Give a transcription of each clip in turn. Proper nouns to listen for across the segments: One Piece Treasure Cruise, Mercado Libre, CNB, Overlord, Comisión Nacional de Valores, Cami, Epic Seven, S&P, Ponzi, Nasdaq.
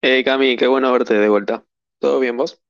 Hey Cami, qué bueno verte de vuelta. ¿Todo bien vos?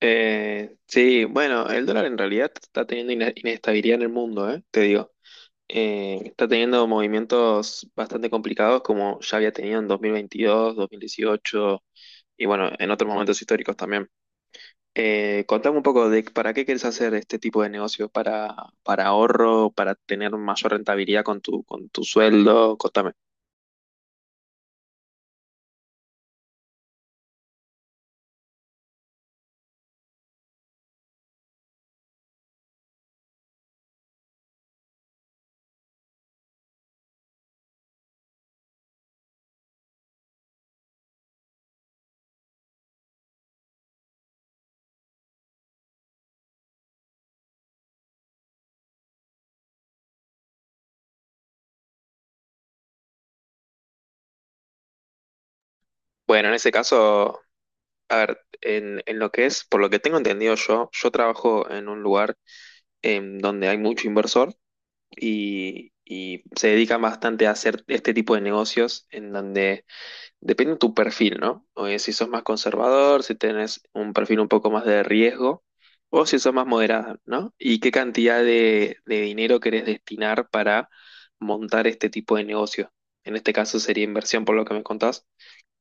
Sí, bueno, el dólar en realidad está teniendo inestabilidad en el mundo, te digo. Está teniendo movimientos bastante complicados como ya había tenido en dos mil veintidós, dos mil dieciocho, y bueno, en otros momentos históricos también. Contame un poco de para qué quieres hacer este tipo de negocio, para ahorro, para tener mayor rentabilidad con tu sueldo, contame. Bueno, en ese caso... A ver, en lo que es, por lo que tengo entendido yo, yo trabajo en un lugar donde hay mucho inversor y se dedican bastante a hacer este tipo de negocios en donde depende de tu perfil, ¿no? O es si sos más conservador, si tenés un perfil un poco más de riesgo o si sos más moderado, ¿no? Y qué cantidad de dinero querés destinar para montar este tipo de negocio. En este caso sería inversión, por lo que me contás.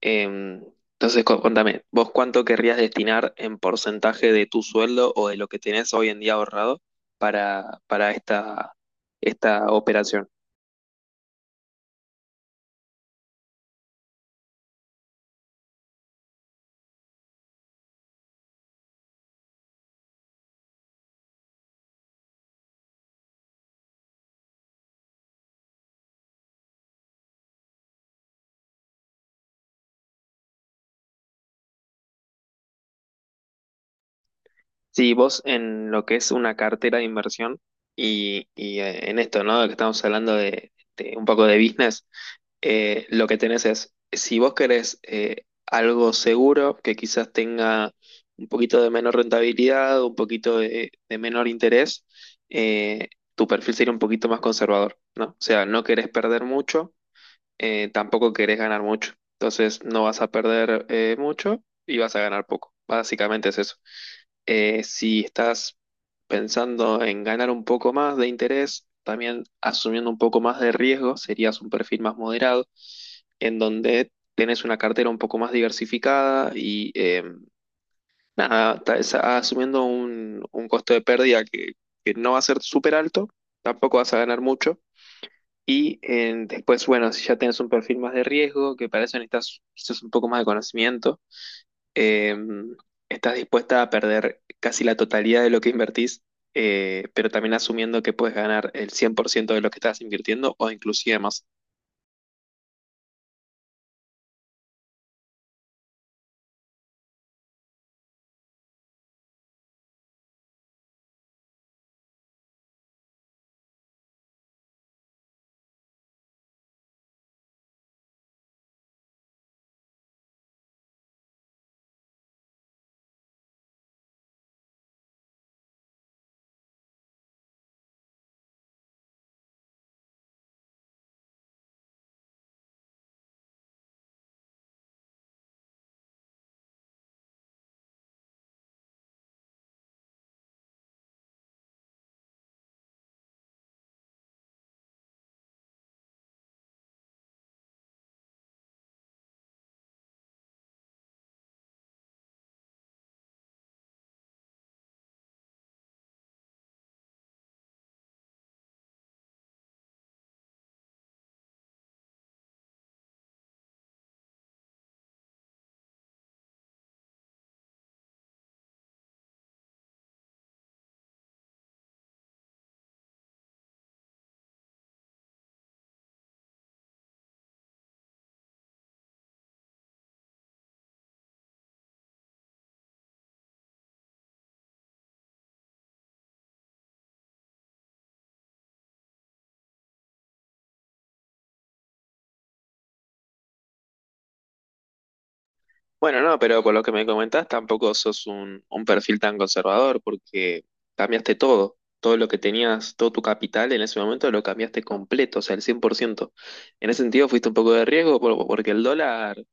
Em, entonces, contame, ¿vos cuánto querrías destinar en porcentaje de tu sueldo o de lo que tenés hoy en día ahorrado para esta, esta operación? Si vos en lo que es una cartera de inversión y, en esto, ¿no? Que estamos hablando de un poco de business, lo que tenés es, si vos querés algo seguro que quizás tenga un poquito de menor rentabilidad, un poquito de menor interés, eh, tu perfil sería un poquito más conservador, ¿no? O sea, no querés perder mucho, tampoco querés ganar mucho. Entonces no vas a perder mucho y vas a ganar poco. Básicamente es eso. Si estás pensando en ganar un poco más de interés, también asumiendo un poco más de riesgo, serías un perfil más moderado, en donde tenés una cartera un poco más diversificada y nada, asumiendo un costo de pérdida que no va a ser súper alto, tampoco vas a ganar mucho, y después, bueno, si ya tienes un perfil más de riesgo, que para eso necesitas quizás un poco más de conocimiento, eh, estás dispuesta a perder casi la totalidad de lo que invertís, pero también asumiendo que puedes ganar el 100% de lo que estás invirtiendo o inclusive más. Bueno, no, pero por lo que me comentás, tampoco sos un perfil tan conservador porque cambiaste todo. Todo lo que tenías, todo tu capital en ese momento lo cambiaste completo, o sea, el 100%. En ese sentido fuiste un poco de riesgo porque el dólar,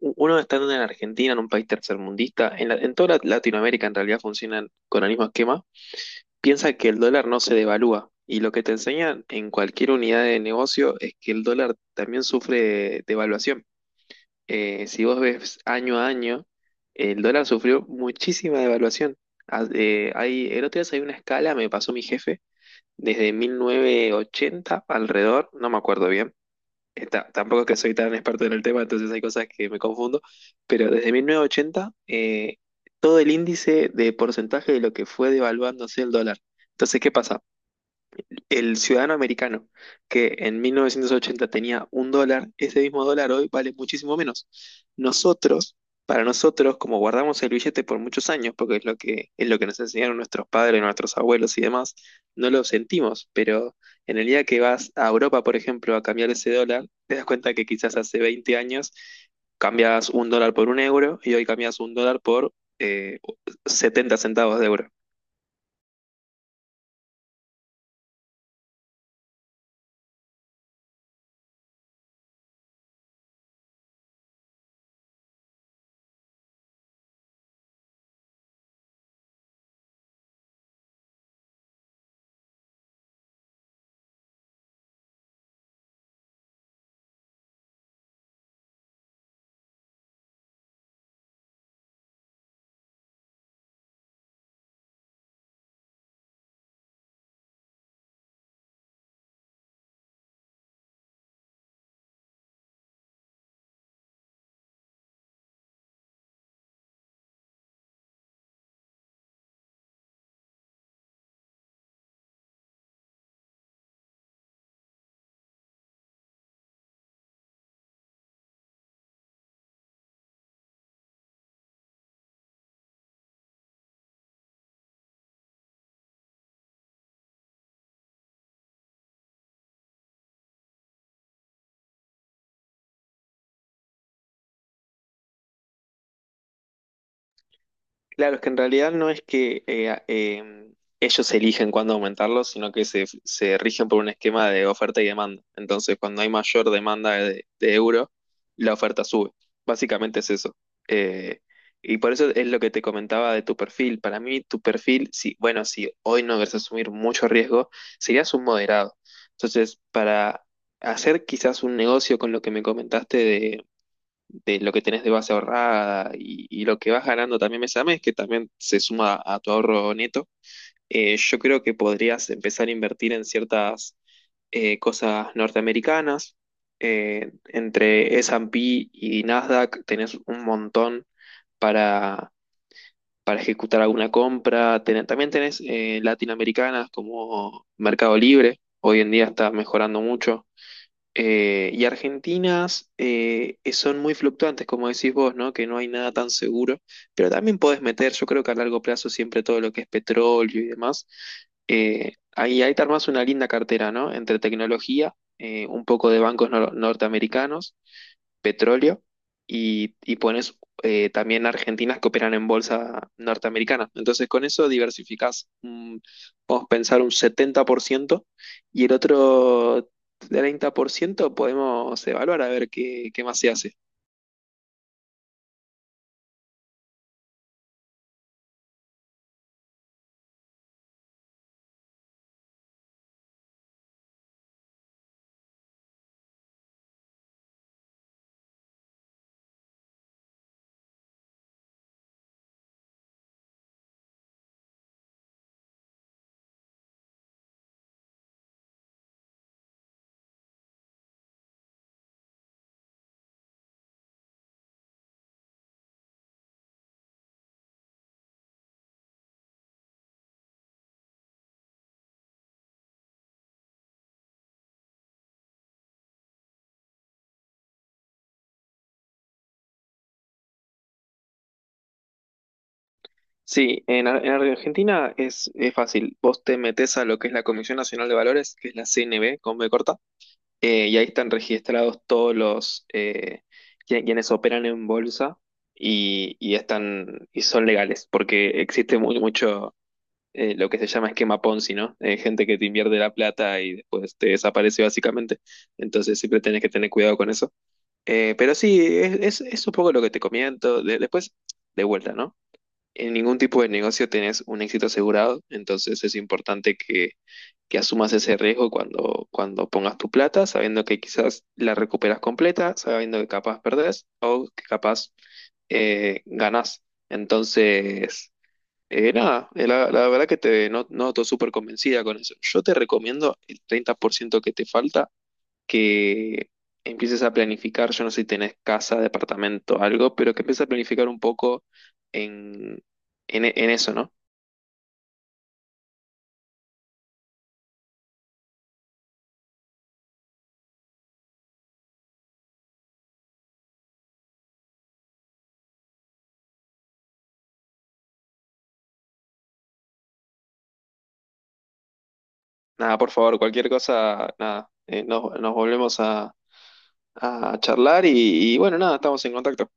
uno estando en Argentina, en un país tercermundista, en, en toda Latinoamérica en realidad funcionan con el mismo esquema, piensa que el dólar no se devalúa. Y lo que te enseñan en cualquier unidad de negocio es que el dólar también sufre devaluación, si vos ves año a año, el dólar sufrió muchísima devaluación. El otro día salió una escala, me pasó mi jefe, desde 1980 alrededor, no me acuerdo bien. Tampoco es que soy tan experto en el tema, entonces hay cosas que me confundo, pero desde 1980 todo el índice de porcentaje de lo que fue devaluándose el dólar. Entonces, ¿qué pasa? El ciudadano americano, que en 1980 tenía un dólar, ese mismo dólar hoy vale muchísimo menos. Nosotros, para nosotros, como guardamos el billete por muchos años, porque es lo que nos enseñaron nuestros padres, nuestros abuelos y demás, no lo sentimos, pero en el día que vas a Europa, por ejemplo, a cambiar ese dólar, te das cuenta que quizás hace 20 años cambias un dólar por un euro y hoy cambias un dólar por eh, 70 centavos de euro. Claro, es que en realidad no es que ellos eligen cuándo aumentarlos, sino que se rigen por un esquema de oferta y demanda. Entonces, cuando hay mayor demanda de euro, la oferta sube. Básicamente es eso. Eh, y por eso es lo que te comentaba de tu perfil. Para mí, tu perfil, si, bueno, si hoy no querés asumir mucho riesgo, serías un moderado. Entonces, para hacer quizás un negocio con lo que me comentaste de lo que tenés de base ahorrada y lo que vas ganando también mes a mes, que también se suma a tu ahorro neto, yo creo que podrías empezar a invertir en ciertas cosas norteamericanas. Entre S&P y Nasdaq tenés un montón para, para ejecutar alguna compra. También tenés latinoamericanas como Mercado Libre. Hoy en día está mejorando mucho. Y argentinas son muy fluctuantes, como decís vos, ¿no? Que no hay nada tan seguro, pero también podés meter, yo creo que a largo plazo siempre todo lo que es petróleo y demás, ahí, ahí te armás una linda cartera, ¿no? Entre tecnología, un poco de bancos norteamericanos, petróleo y pones también argentinas que operan en bolsa norteamericana. Entonces con eso diversificás, mm, podemos pensar un 70% y el otro 30% podemos evaluar a ver qué, qué más se hace. Sí, en, en Argentina es fácil. Vos te metés a lo que es la Comisión Nacional de Valores, que es la CNB, con B corta. Y ahí están registrados todos los quienes operan en bolsa y están y son legales, porque existe muy mucho lo que se llama esquema Ponzi, ¿no? Gente que te invierte la plata y después te desaparece básicamente. Entonces siempre tenés que tener cuidado con eso. Pero sí, es, es un poco lo que te comento. Después, de vuelta, ¿no? En ningún tipo de negocio tenés un éxito asegurado, entonces es importante que asumas ese riesgo cuando, cuando pongas tu plata, sabiendo que quizás la recuperas completa, sabiendo que capaz perdés o que capaz ganás. Entonces, nada, la, la verdad que te noto súper convencida con eso. Yo te recomiendo el 30% que te falta que empieces a planificar, yo no sé si tenés casa, departamento, algo, pero que empieces a planificar un poco en, en eso, ¿no? Nada, por favor, cualquier cosa, nada, nos, nos volvemos a charlar y bueno, nada, estamos en contacto.